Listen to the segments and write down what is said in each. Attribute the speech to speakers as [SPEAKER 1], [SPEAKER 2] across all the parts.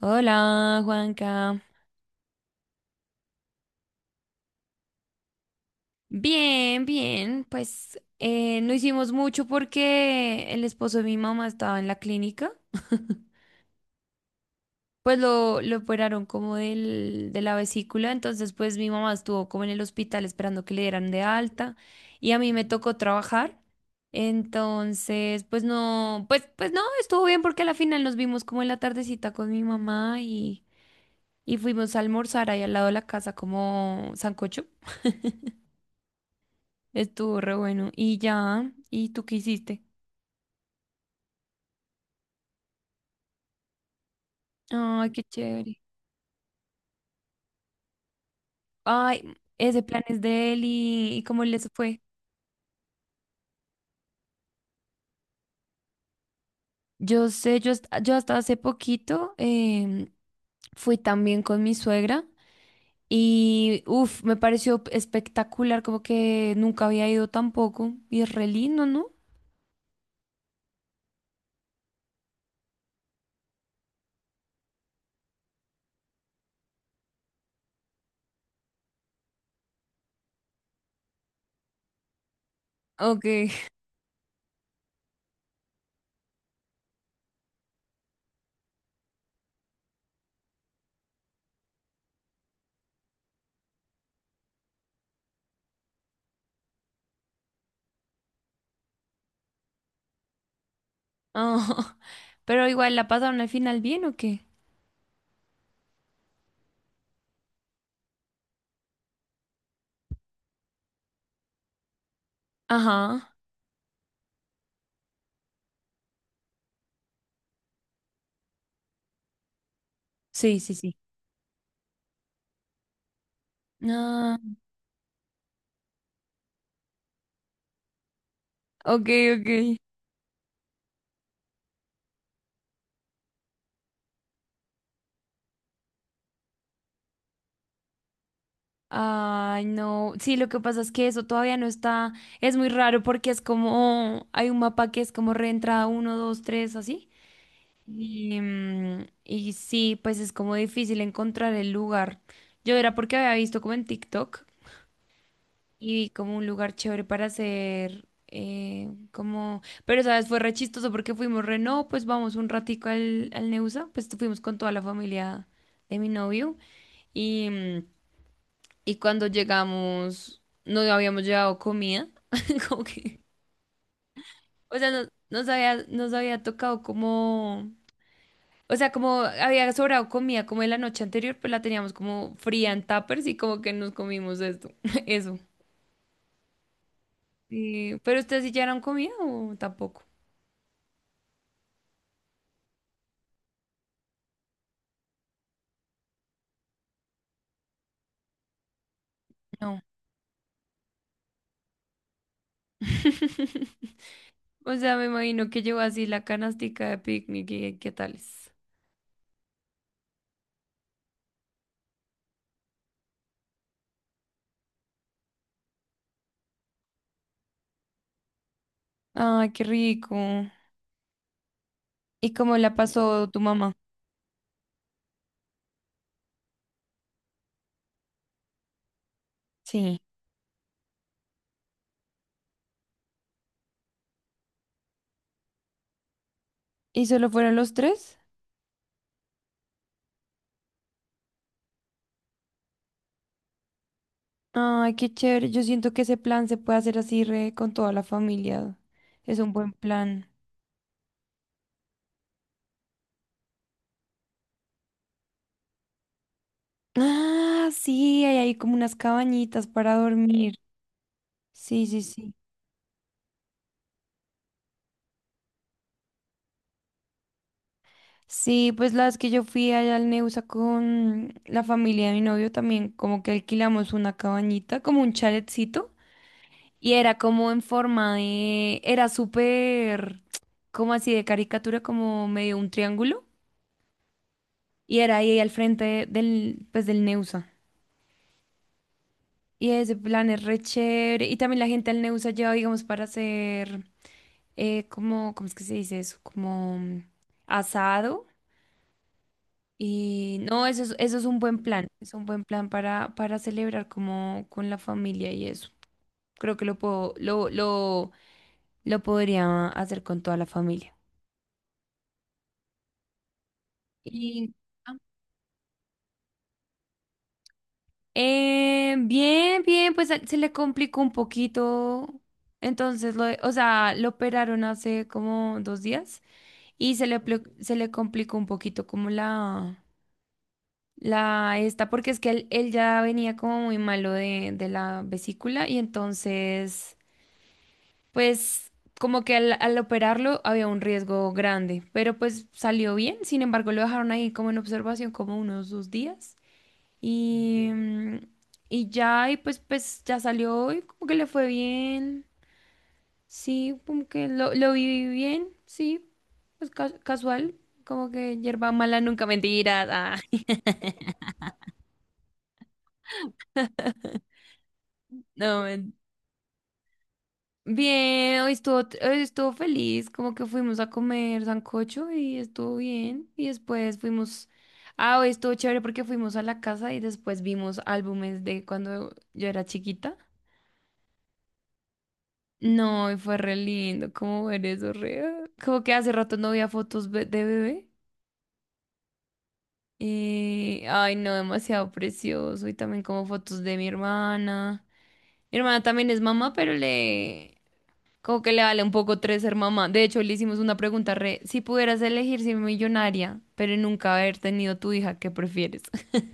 [SPEAKER 1] Hola, Juanca. Bien, bien. Pues no hicimos mucho porque el esposo de mi mamá estaba en la clínica. Pues lo operaron como de la vesícula, entonces pues mi mamá estuvo como en el hospital esperando que le dieran de alta y a mí me tocó trabajar. Entonces, pues no, pues no, estuvo bien porque a la final nos vimos como en la tardecita con mi mamá y fuimos a almorzar ahí al lado de la casa como sancocho. Estuvo re bueno. Y ya, ¿y tú qué hiciste? Ay, qué chévere. Ay, ese plan es de él. ¿Y cómo les fue? Yo sé, yo hasta hace poquito fui también con mi suegra y uff, me pareció espectacular, como que nunca había ido tampoco. Y es re lindo, ¿no? Ok. Ah, pero igual, ¿la pasaron al final bien o qué? Ajá. Sí, sí, sí. Ah, ok, ok. Ay, no. Sí, lo que pasa es que eso todavía no está. Es muy raro porque es como. Hay un mapa que es como reentrada uno, 2, 3, así. Y sí, pues es como difícil encontrar el lugar. Yo era porque había visto como en TikTok y vi como un lugar chévere para hacer. Como. Pero, ¿sabes? Fue re chistoso porque fuimos re. No, pues vamos un ratico al Neusa. Pues fuimos con toda la familia de mi novio. Y. mm, y cuando llegamos, no habíamos llevado comida, como que, o sea, nos había tocado como, o sea, como había sobrado comida como de la noche anterior, pues la teníamos como fría en tuppers y como que nos comimos esto, eso. ¿Pero ustedes sí llevaron comida o tampoco? No. O sea, me imagino que llevó así la canastica de picnic y qué tales. Ay, qué rico. ¿Y cómo la pasó tu mamá? Sí. ¿Y solo fueron los tres? Ay, qué chévere. Yo siento que ese plan se puede hacer así re con toda la familia. Es un buen plan. Ah, sí, hay ahí como unas cabañitas para dormir. Sí, sí, sí. Sí, pues la vez que yo fui allá al Neusa con la familia de mi novio también, como que alquilamos una cabañita, como un chaletcito, y era como en forma de, era súper, como así de caricatura, como medio un triángulo, y era ahí al frente del Neusa. Y ese plan es re chévere. Y también la gente al Neusa lleva, digamos, para hacer, como, ¿cómo es que se dice eso? Como asado. Y no, eso es un buen plan. Es un buen plan para celebrar como con la familia y eso. Creo que lo puedo, lo podría hacer con toda la familia. Y ah, Bien, bien, pues se le complicó un poquito. Entonces, o sea, lo operaron hace como 2 días. Y se le complicó un poquito como la esta, porque es que él ya venía como muy malo de la vesícula y entonces, pues como que al operarlo había un riesgo grande, pero pues salió bien, sin embargo lo dejaron ahí como en observación como unos 2 días y, mm, y ya, y pues ya salió y como que le fue bien. Sí, como que lo viví bien, sí, pues casual, como que hierba mala nunca mentiras. Ah, no, bien, hoy estuvo feliz, como que fuimos a comer sancocho y estuvo bien. Y después fuimos, ah, hoy estuvo chévere porque fuimos a la casa y después vimos álbumes de cuando yo era chiquita. No, y fue re lindo, como ver eso, re. Como que hace rato no veía fotos de bebé. Y, ay, no, demasiado precioso. Y también como fotos de mi hermana. Mi hermana también es mamá, pero le. Como que le vale un poco tres ser mamá. De hecho, le hicimos una pregunta re. Si pudieras elegir ser millonaria, pero nunca haber tenido tu hija, ¿qué prefieres?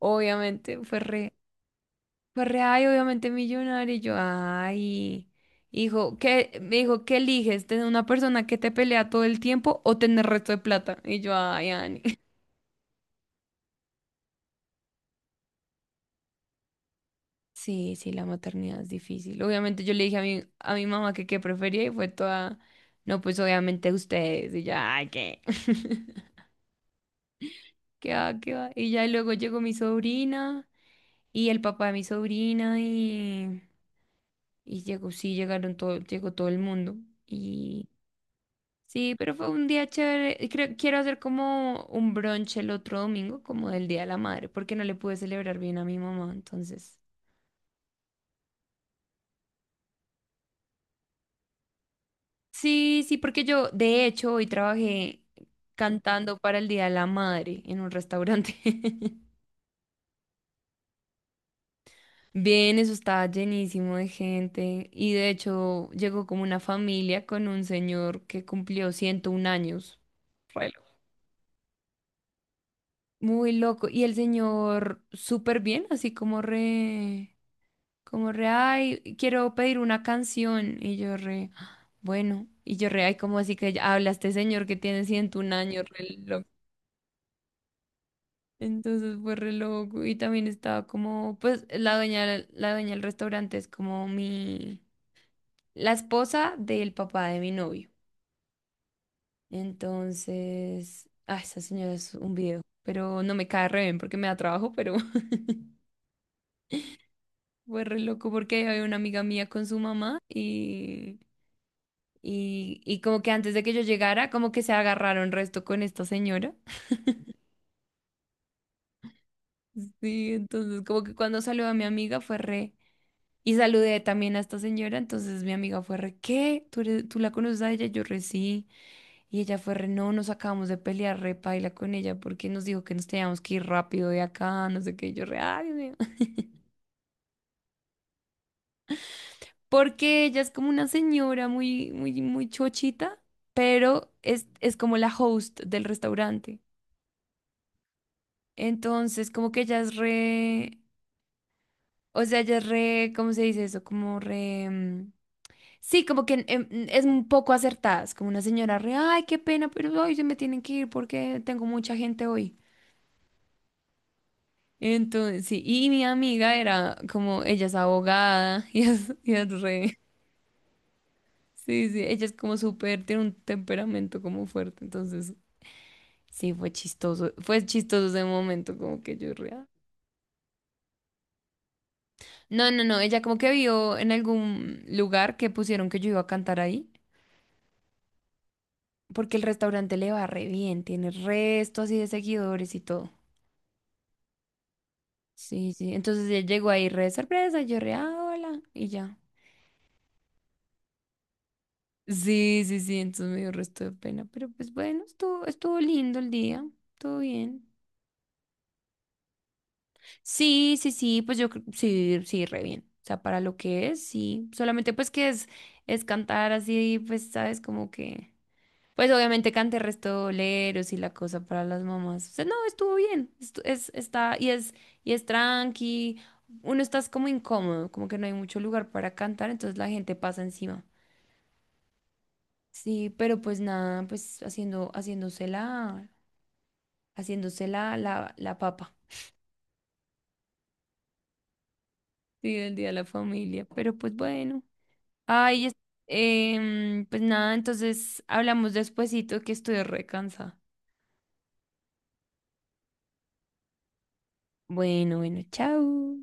[SPEAKER 1] Obviamente, fue re. Fue re, ay, obviamente millonaria. Y yo, ay. Hijo, ¿qué? Me dijo, ¿qué eliges? ¿Tener una persona que te pelea todo el tiempo o tener resto de plata? Y yo, ay, Ani. Sí, sí, la maternidad es difícil. Obviamente yo le dije a mi mamá que qué prefería y fue toda, no, pues obviamente ustedes. Y ya, ay, ¿qué? ¿Qué va, qué va? Y ya luego llegó mi sobrina y el papá de mi sobrina y llegó, sí, llegaron todo, llegó todo el mundo. Y sí, pero fue un día chévere. Y creo, quiero hacer como un brunch el otro domingo, como del Día de la Madre, porque no le pude celebrar bien a mi mamá, entonces. Sí, sí, porque yo de hecho hoy trabajé cantando para el Día de la Madre en un restaurante. Bien, eso estaba llenísimo de gente y de hecho llegó como una familia con un señor que cumplió 101 años. Re loco. Muy loco. Y el señor súper bien, así como re, ay, quiero pedir una canción. Y yo re: "Ah, bueno", y yo re, ay, como así que ya habla este señor que tiene 101 años, re. Entonces fue re loco. Y también estaba como, pues la dueña, la dueña del restaurante es como la esposa del papá de mi novio. Entonces, ah, esa señora es un video, pero no me cae re bien porque me da trabajo, pero fue re loco porque había una amiga mía con su mamá y como que antes de que yo llegara, como que se agarraron resto con esta señora. Sí, entonces como que cuando salió a mi amiga fue re. Y saludé también a esta señora, entonces mi amiga fue re, ¿qué? ¿Tú la conoces a ella? Yo re, sí. Y ella fue re, no, nos acabamos de pelear, re paila con ella, porque nos dijo que nos teníamos que ir rápido de acá, no sé qué. Y yo re, ay, Dios mío. Porque ella es como una señora muy, muy, muy chochita, pero es como la host del restaurante. Entonces, como que ella es re, o sea, ella es re, ¿cómo se dice eso? Como re. Mm, sí, como que es un poco acertadas, como una señora re, ay, qué pena, pero hoy se me tienen que ir porque tengo mucha gente hoy. Entonces, sí, y mi amiga era como, ella es abogada, y es re, sí, sí, ella es como súper, tiene un temperamento como fuerte, entonces, sí, fue chistoso ese momento, como que yo re, ah. No, no, no, ella como que vio en algún lugar que pusieron que yo iba a cantar ahí, porque el restaurante le va re bien, tiene resto así de seguidores y todo. Sí, sí. Entonces él llegó ahí re de sorpresa, yo re, "Ah, hola", y ya. Sí, sí, sí, entonces me dio resto de pena, pero pues bueno, estuvo lindo el día, todo bien. Sí, sí, sí, pues yo sí, sí, re bien. O sea, para lo que es, sí. Solamente pues que es, cantar así, pues, sabes, como que. Pues obviamente canté restoleros y la cosa para las mamás. O sea, no, estuvo bien. Es, está, y es tranqui. Uno estás como incómodo, como que no hay mucho lugar para cantar, entonces la gente pasa encima. Sí, pero pues nada, pues haciéndose la papa. Sí, el día de la familia. Pero pues bueno. Ay, pues nada, entonces hablamos despuesito que estoy recansada. Bueno, bueno, chao.